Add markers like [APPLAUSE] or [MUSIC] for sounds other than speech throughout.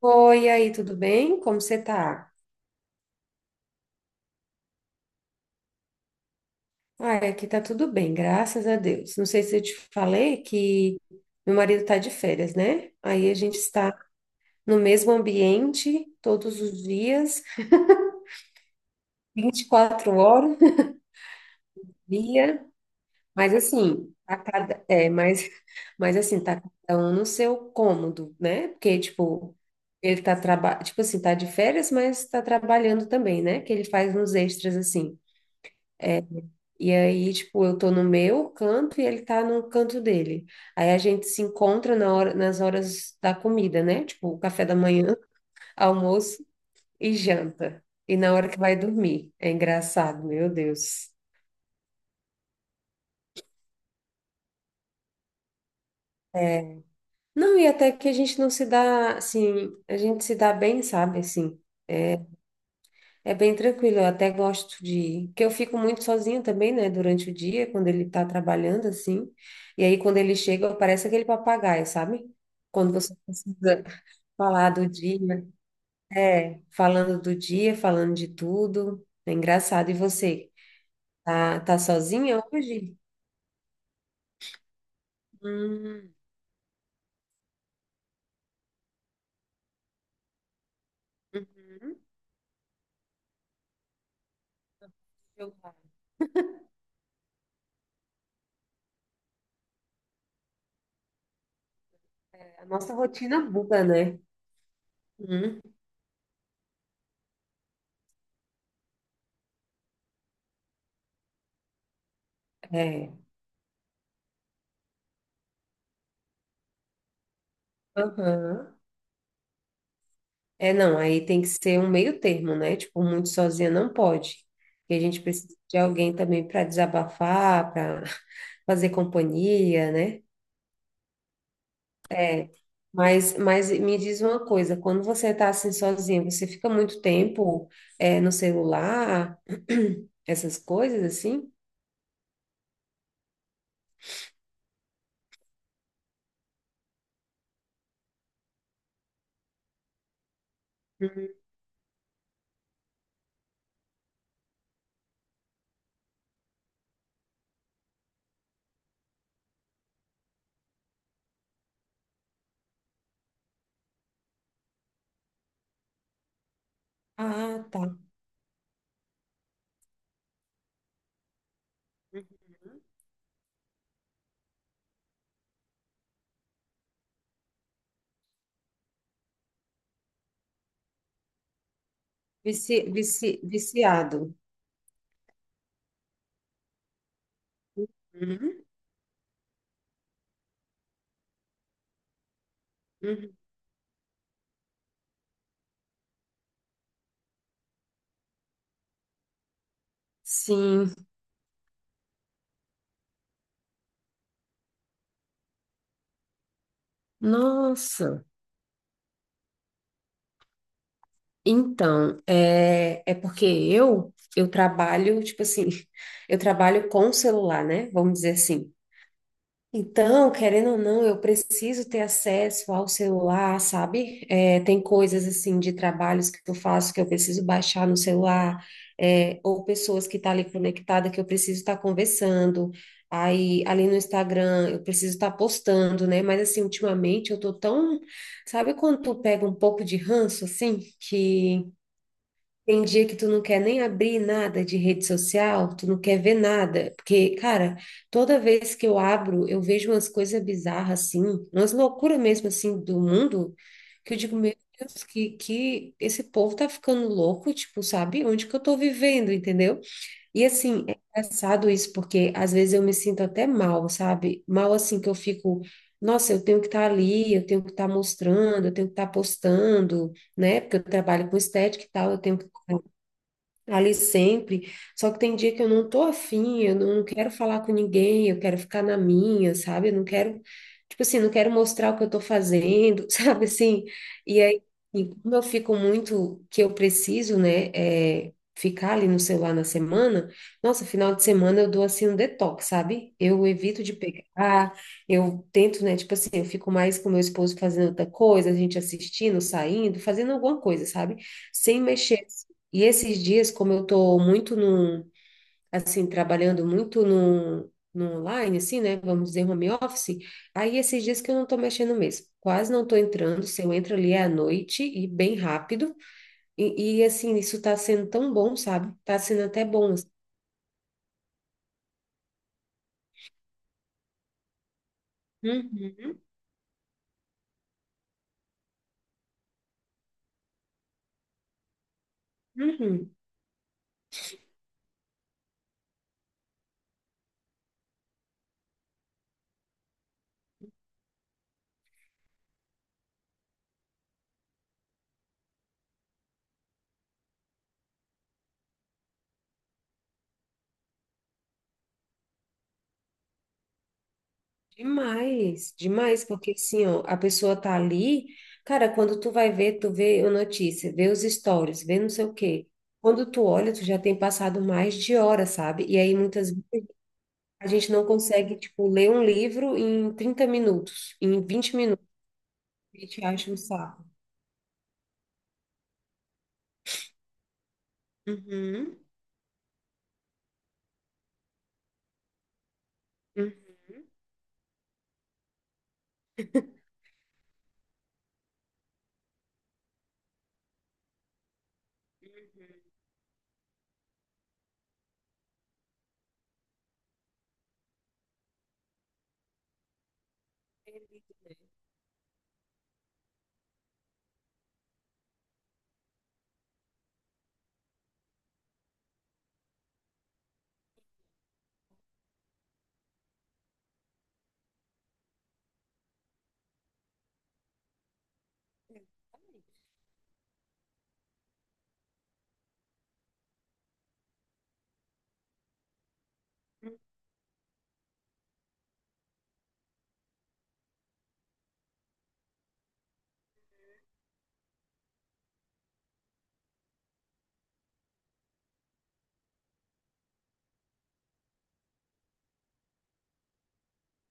Oi, e aí, tudo bem? Como você tá? Ah, aqui tá tudo bem, graças a Deus. Não sei se eu te falei que meu marido tá de férias, né? Aí a gente está no mesmo ambiente todos os dias, 24 horas por dia, mas assim, a cada, é, mas, [LAUGHS] mas assim, tá cada um no seu cômodo, né? Porque, tipo, ele tá trabalhando, tipo assim, tá de férias, mas tá trabalhando também, né? Que ele faz uns extras assim. É. E aí, tipo, eu tô no meu canto e ele tá no canto dele. Aí a gente se encontra na hora, nas horas da comida, né? Tipo, o café da manhã, almoço e janta. E na hora que vai dormir. É engraçado, meu Deus. É. Não, e até que a gente não se dá, assim, a gente se dá bem, sabe, assim. É bem tranquilo, eu até gosto de que eu fico muito sozinha também, né, durante o dia, quando ele tá trabalhando, assim. E aí, quando ele chega, parece aquele papagaio, sabe? Quando você precisa falar do dia, é, falando do dia, falando de tudo. É engraçado. E você, tá, tá sozinha hoje? Hum, uhum. Eu- A nossa rotina muda, né? Hum, é. Aham. É, não, aí tem que ser um meio termo, né? Tipo, muito sozinha não pode. Porque a gente precisa de alguém também para desabafar, para [LAUGHS] fazer companhia, né? Mas me diz uma coisa, quando você está assim sozinha, você fica muito tempo no celular, [CLEARS THROAT] essas coisas assim? Uhum. Ah, tá. Uhum. Viciado. Uhum. Uhum. Sim, nossa. Então, é, é porque eu trabalho, tipo assim, [LAUGHS] eu trabalho com o celular, né? Vamos dizer assim. Então, querendo ou não, eu preciso ter acesso ao celular, sabe? É, tem coisas assim de trabalhos que eu faço que eu preciso baixar no celular, é, ou pessoas que estão ali conectadas que eu preciso estar conversando. Aí, ali no Instagram, eu preciso estar postando, né? Mas assim, ultimamente eu tô tão, sabe quando tu pega um pouco de ranço assim, que tem dia que tu não quer nem abrir nada de rede social, tu não quer ver nada, porque, cara, toda vez que eu abro, eu vejo umas coisas bizarras assim, umas loucuras mesmo assim do mundo, que eu digo, meu Deus, que esse povo tá ficando louco, tipo, sabe? Onde que eu tô vivendo, entendeu? E assim, é engraçado isso, porque às vezes eu me sinto até mal, sabe? Mal assim que eu fico, nossa, eu tenho que estar ali, eu tenho que estar mostrando, eu tenho que estar postando, né? Porque eu trabalho com estética e tal, eu tenho que ali sempre. Só que tem dia que eu não tô afim, eu não quero falar com ninguém, eu quero ficar na minha, sabe? Eu não quero, tipo assim, não quero mostrar o que eu tô fazendo, [LAUGHS] sabe assim? E aí, e como eu fico muito, que eu preciso, né, é, ficar ali no celular na semana, nossa, final de semana eu dou assim um detox, sabe? Eu evito de pegar, eu tento, né, tipo assim, eu fico mais com meu esposo fazendo outra coisa, a gente assistindo, saindo, fazendo alguma coisa, sabe? Sem mexer. E esses dias, como eu estou muito no, assim, trabalhando muito no, no online, assim, né? Vamos dizer home office, aí esses dias que eu não estou mexendo mesmo. Quase não estou entrando, se eu entro ali é à noite e bem rápido. E, assim, isso está sendo tão bom, sabe? Está sendo até bom assim. Uhum, uhum. Demais, demais, porque assim, ó, a pessoa tá ali, cara, quando tu vai ver, tu vê a notícia, vê os stories, vê não sei o quê. Quando tu olha, tu já tem passado mais de hora, sabe? E aí muitas a gente não consegue, tipo, ler um livro em 30 minutos, em 20 minutos, a gente acha um saco. Uhum, uhum.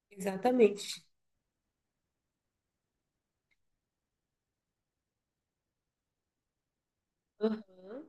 Exatamente. Exatamente. Aham.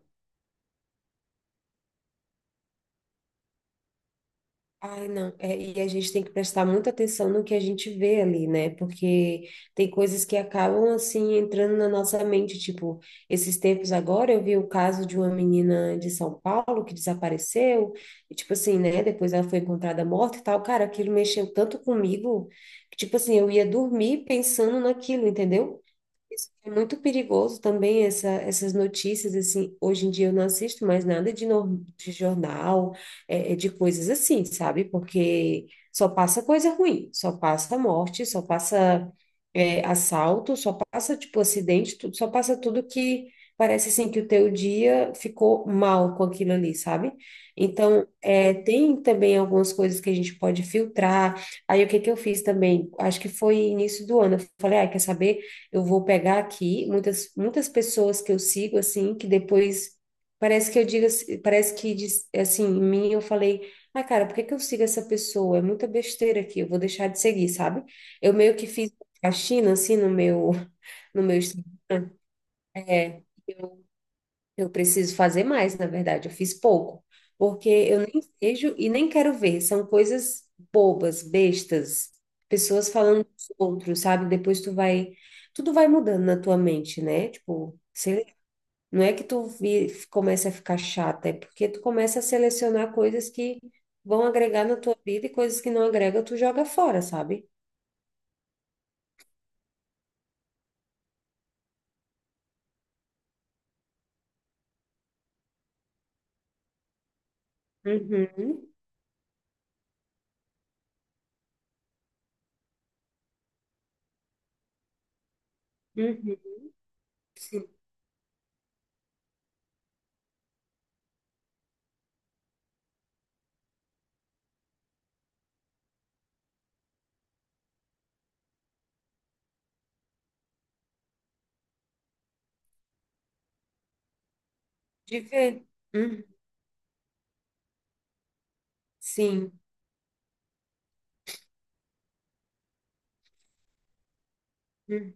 Ai, não. É, e a gente tem que prestar muita atenção no que a gente vê ali, né? Porque tem coisas que acabam, assim, entrando na nossa mente. Tipo, esses tempos agora eu vi o caso de uma menina de São Paulo que desapareceu. E, tipo assim, né? Depois ela foi encontrada morta e tal. Cara, aquilo mexeu tanto comigo que, tipo assim, eu ia dormir pensando naquilo, entendeu? Isso é muito perigoso também, essas notícias, assim, hoje em dia eu não assisto mais nada de, de jornal, é, é, de coisas assim, sabe? Porque só passa coisa ruim, só passa morte, só passa é, assalto, só passa, tipo, acidente, tudo, só passa tudo que parece, assim, que o teu dia ficou mal com aquilo ali, sabe? Então, é, tem também algumas coisas que a gente pode filtrar. Aí, o que que eu fiz também? Acho que foi início do ano, eu falei, ah, quer saber? Eu vou pegar aqui muitas pessoas que eu sigo assim que depois parece que eu digo assim assim em mim, eu falei, ah, cara, por que que eu sigo essa pessoa, é muita besteira aqui, eu vou deixar de seguir, sabe? Eu meio que fiz a China assim no meu [LAUGHS] no meu Instagram. É, eu preciso fazer mais, na verdade. Eu fiz pouco, porque eu nem vejo e nem quero ver. São coisas bobas, bestas, pessoas falando dos outros, sabe? Depois tu vai, tudo vai mudando na tua mente, né? Tipo, sei lá, não é que tu vi, começa a ficar chata, é porque tu começa a selecionar coisas que vão agregar na tua vida e coisas que não agrega, tu joga fora, sabe? Uhum, uhum, sim. De ver. Uhum, sim. Uhum.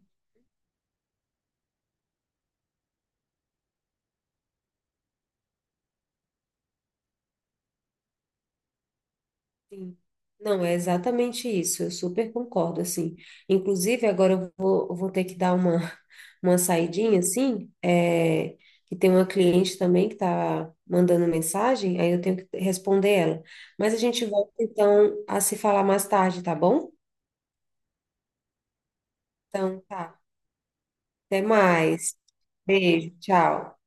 Sim. Não, é exatamente isso, eu super concordo, assim. Inclusive, agora eu vou ter que dar uma, [LAUGHS] uma saidinha, assim, é, que tem uma cliente também que está mandando mensagem, aí eu tenho que responder ela. Mas a gente volta, então, a se falar mais tarde, tá bom? Então, tá. Até mais. Beijo, tchau.